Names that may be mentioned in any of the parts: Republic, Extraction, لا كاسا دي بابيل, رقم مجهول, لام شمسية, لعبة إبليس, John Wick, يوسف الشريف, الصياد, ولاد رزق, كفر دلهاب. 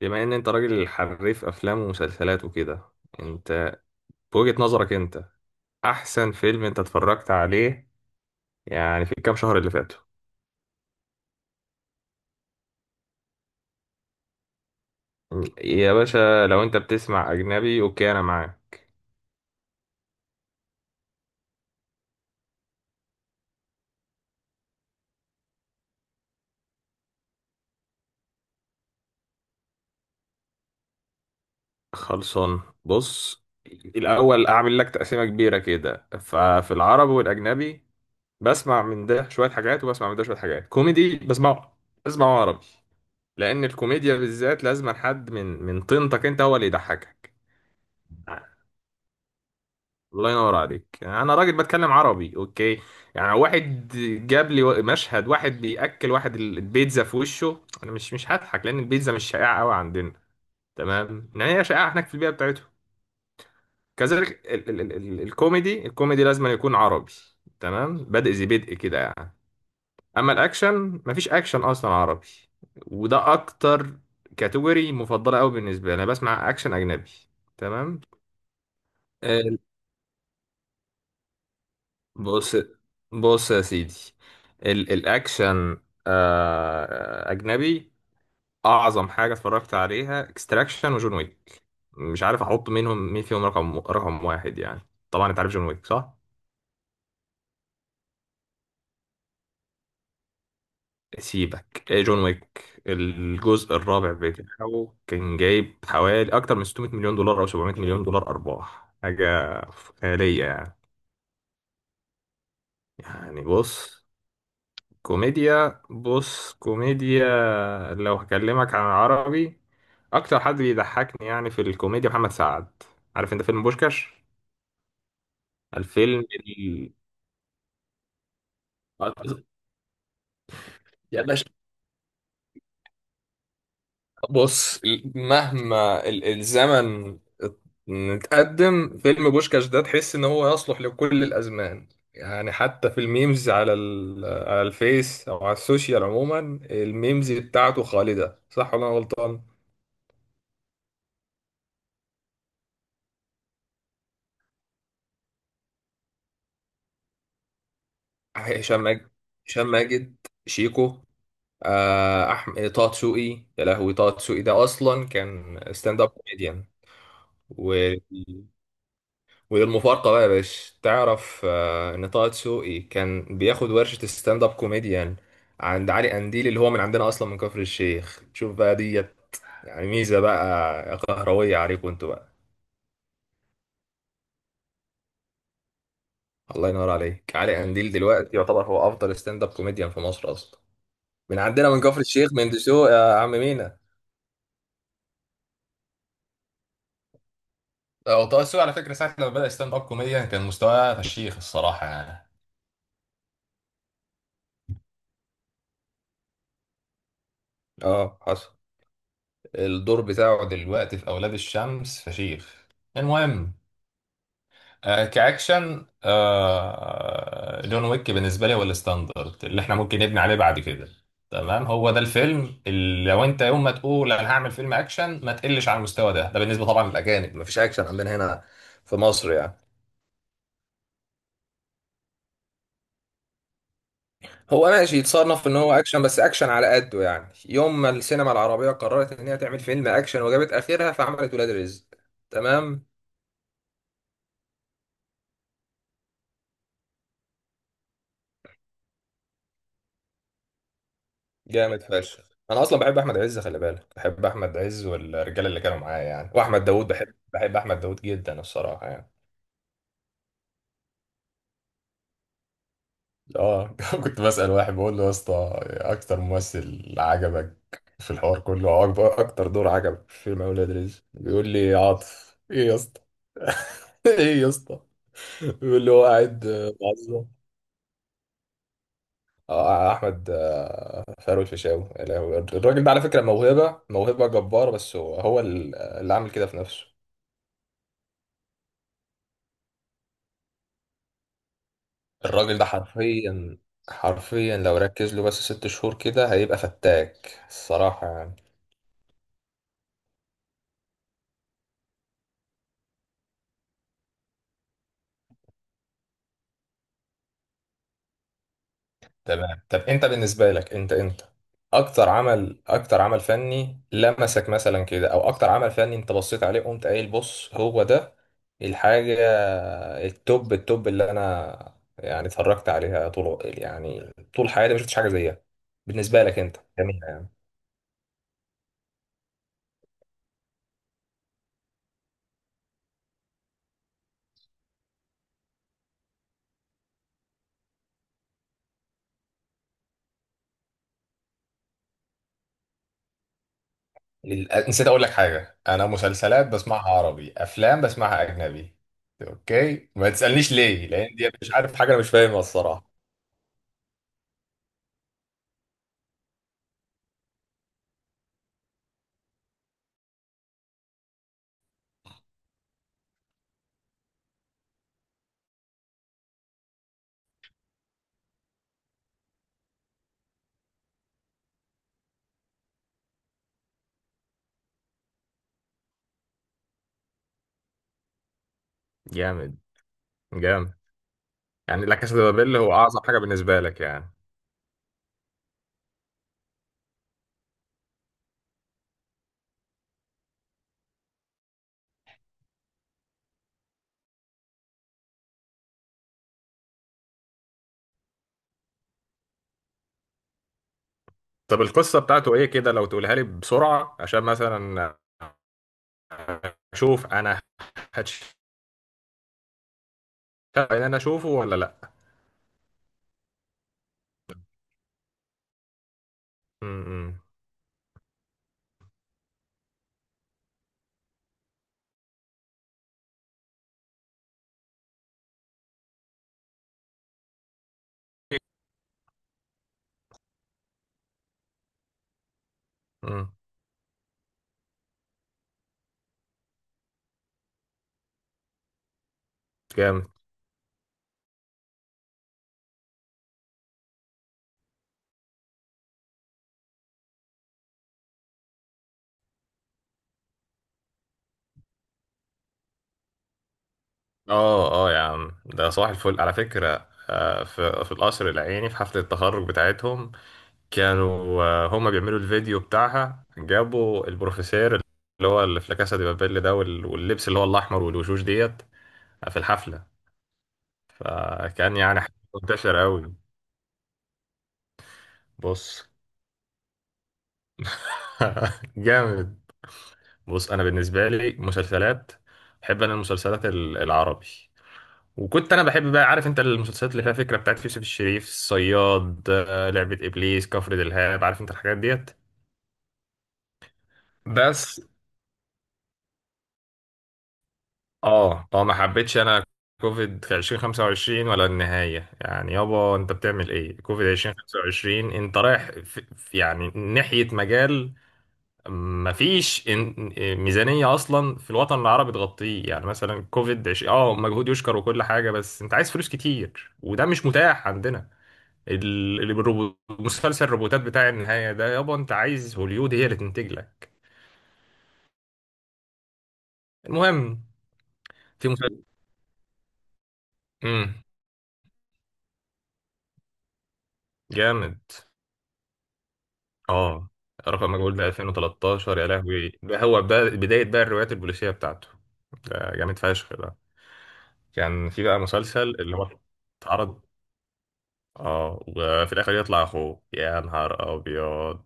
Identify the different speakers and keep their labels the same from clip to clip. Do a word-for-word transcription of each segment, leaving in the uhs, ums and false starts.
Speaker 1: بما ان انت راجل حريف افلام ومسلسلات وكده، انت بوجهة نظرك انت، احسن فيلم انت اتفرجت عليه، يعني في الكام شهر اللي فاتوا؟ يا باشا، لو انت بتسمع اجنبي اوكي انا معاك. خلصان، بص، الاول اعمل لك تقسيمة كبيرة كده، ففي العربي والاجنبي، بسمع من ده شوية حاجات وبسمع من ده شوية حاجات. كوميدي بسمعه بسمعه عربي، لان الكوميديا بالذات لازم حد من من طينتك انت هو اللي يضحكك. الله ينور عليك. انا راجل بتكلم عربي، اوكي؟ يعني واحد جاب لي و- مشهد واحد بياكل واحد ال- البيتزا في وشه، انا مش مش هضحك لان البيتزا مش شائعه قوي عندنا، تمام؟ يعني هي شائعه هناك في البيئه بتاعته. كذلك ال ال ال ال الكوميدي الكوميدي لازم أن يكون عربي، تمام؟ بدء ذي بدء كده يعني. اما الاكشن، مفيش اكشن اصلا عربي، وده اكتر كاتيجوري مفضله قوي بالنسبه لي. انا بسمع اكشن اجنبي، تمام. آه، بص، بص يا سيدي، ال الاكشن آه، اجنبي. اعظم حاجه اتفرجت عليها اكستراكشن وجون ويك. مش عارف احط منهم مين فيهم رقم رقم واحد يعني. طبعا انت عارف جون ويك، صح؟ سيبك، إيه جون ويك. الجزء الرابع بتاعه كان جايب حوالي اكتر من ستمائة مليون دولار مليون دولار او سبعمائة مليون دولار مليون دولار ارباح، حاجه خياليه يعني. يعني بص، كوميديا، بص كوميديا، لو هكلمك عن العربي، اكتر حد بيضحكني يعني في الكوميديا محمد سعد. عارف انت فيلم بوشكاش؟ الفيلم ال... يا باشا، بص، مهما ال- الزمن اتقدم، فيلم بوشكاش ده تحس ان هو يصلح لكل الازمان. يعني حتى في الميمز على ال- على الفيس او على السوشيال عموما، الميمز بتاعته خالدة، صح ولا انا غلطان؟ هشام ماجد هشام ماجد، شيكو، آه، احمد طه دسوقي، يا لهوي، طه دسوقي ده اصلا كان ستاند اب كوميديان. و والمفارقه بقى يا باشا، تعرف آه، ان طه دسوقي كان بياخد ورشه ستاند اب كوميديان عند علي قنديل، اللي هو من عندنا اصلا من كفر الشيخ. شوف بقى ديت، يعني ميزه بقى قهرويه عليكم انتوا بقى. الله ينور عليك. علي قنديل دلوقتي يعتبر هو افضل ستاند اب كوميديان في مصر اصلا، من عندنا من كفر الشيخ، من دسوق يا عم مينا. هو طه السوقي على فكرة ساعة لما بدأ ستاند اب كوميديان كان مستواه فشيخ الصراحة يعني. اه حصل. الدور بتاعه دلوقتي في أولاد الشمس فشيخ. المهم، آه كأكشن، آه جون ويك بالنسبة لي هو الستاندرد اللي احنا ممكن نبني عليه بعد كده، تمام. هو ده الفيلم اللي لو انت يوم ما تقول انا هعمل فيلم اكشن ما تقلش على المستوى ده. ده بالنسبة طبعا للأجانب، مفيش اكشن عندنا هنا في مصر يعني. هو ماشي يتصنف ان هو اكشن بس اكشن على قده. يعني يوم ما السينما العربيه قررت ان هي تعمل فيلم اكشن وجابت اخرها، فعملت ولاد رزق، تمام. جامد فشخ. انا اصلا بحب احمد عز، خلي بالك، بحب احمد عز والرجاله اللي كانوا معايا يعني، واحمد داوود، بحب بحب احمد داوود جدا الصراحه يعني. اه كنت بسأل واحد بقول له: يا اسطى، اكتر ممثل عجبك في الحوار كله، او اكبر اكتر دور عجبك في فيلم اولاد رزق؟ بيقول لي: عاطف. ايه يا اسطى؟ ايه يا اسطى، اللي هو قاعد آه، معظم آه، احمد آه، فاروق الفيشاوي، يا لهوي. الراجل ده على فكره موهبه، موهبه جباره بس هو هو ال- اللي عامل كده في نفسه. الراجل ده حرفيا، حرفيا لو ركز له بس ست شهور كده هيبقى فتاك الصراحه يعني. تمام، طب انت بالنسبه لك، انت انت اكتر عمل اكتر عمل فني لمسك مثلا كده، او اكتر عمل فني انت بصيت عليه قمت قايل: بص، هو ده الحاجه التوب، التوب اللي انا يعني اتفرجت عليها طول يعني طول حياتي ما شفتش حاجه زيها، بالنسبه لك انت، جميله يعني. لل- نسيت اقول لك حاجه: انا مسلسلات بسمعها عربي، افلام بسمعها اجنبي. اوكي، ما تسالنيش ليه، لان دي مش عارف حاجه انا مش فاهمها الصراحه. جامد جامد، يعني لا كاسا دي بابيل هو اعظم حاجه بالنسبه لك يعني؟ طب القصه بتاعته ايه كده لو تقولها لي بسرعه، عشان مثلا اشوف انا، هتشتغل ان انا اشوفه ولا لا. امم امم جامد اه اه، يا عم، ده صباح الفل على فكره، آه، في في القصر العيني في حفله التخرج بتاعتهم، كانوا آه، هما بيعملوا الفيديو بتاعها، جابوا البروفيسير اللي هو اللي في لا كاسا دي بابيل ده، وال- واللبس اللي هو الاحمر والوشوش ديت في الحفله. آه، كان يعني منتشر قوي. بص جامد. بص انا بالنسبه لي مسلسلات، بحب انا المسلسلات ال- العربي. وكنت انا بحب بقى، عارف انت المسلسلات اللي فيها فكره بتاعت يوسف الشريف، الصياد، آه، لعبه ابليس، كفر دلهاب، عارف انت الحاجات ديت. بس اه اه ما حبيتش انا كوفيد في الفين وخمسة وعشرين ولا النهايه يعني. يابا انت بتعمل ايه؟ كوفيد الفين وخمسة وعشرين؟ انت رايح في في- يعني ناحيه مجال. مفيش إن- ميزانية أصلا في الوطن العربي تغطيه، يعني مثلا كوفيد عش... اه مجهود يشكر وكل حاجة بس أنت عايز فلوس كتير وده مش متاح عندنا. ال... ال- الروبو- مسلسل الروبوتات بتاع النهاية ده، يابا أنت عايز هوليود هي اللي تنتج لك. المهم، في مسلسل، امم جامد، اه. رقم مجهول ده الفين وتلتاشر يا لهوي، ده هو بدا... بداية بقى الروايات البوليسية بتاعته. ده جامد فشخ بقى. كان في بقى مسلسل اللي هو اتعرض، اه، وفي الاخر يطلع اخوه، يا نهار ابيض.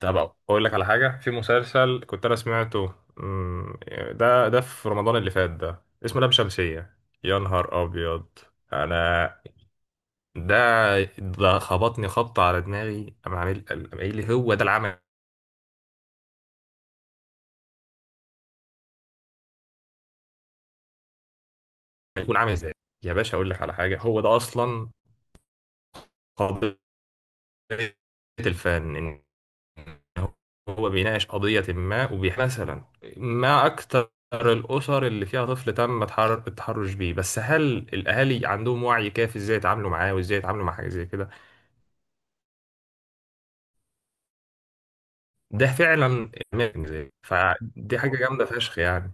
Speaker 1: طب اقول لك على حاجه، في مسلسل كنت انا سمعته، مم، ده ده في رمضان اللي فات ده اسمه لام شمسيه، يا نهار ابيض. انا ده ده خبطني خبطه على دماغي، انا عامل، أنا قايل لي هو ده العمل هيكون عامل ازاي. يا باشا اقول لك على حاجه، هو ده اصلا قضيه الفن. هو بيناقش قضية ما وبيح مثلا، ما أكتر الأسر اللي فيها طفل تم التحر- التحرش بيه، بس هل الأهالي عندهم وعي كافي إزاي يتعاملوا معاه وإزاي يتعاملوا مع حاجة زي كده؟ ده فعلا إدمان زي، فدي حاجة جامدة فشخ يعني.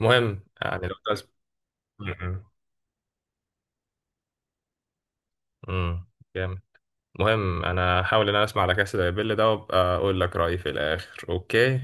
Speaker 1: مهم يعني، لو تسمع، جامد، مهم. أنا هحاول إن أنا أسمع على كاسة بيل ده وأبقى أقول لك رأيي في الآخر، أوكي.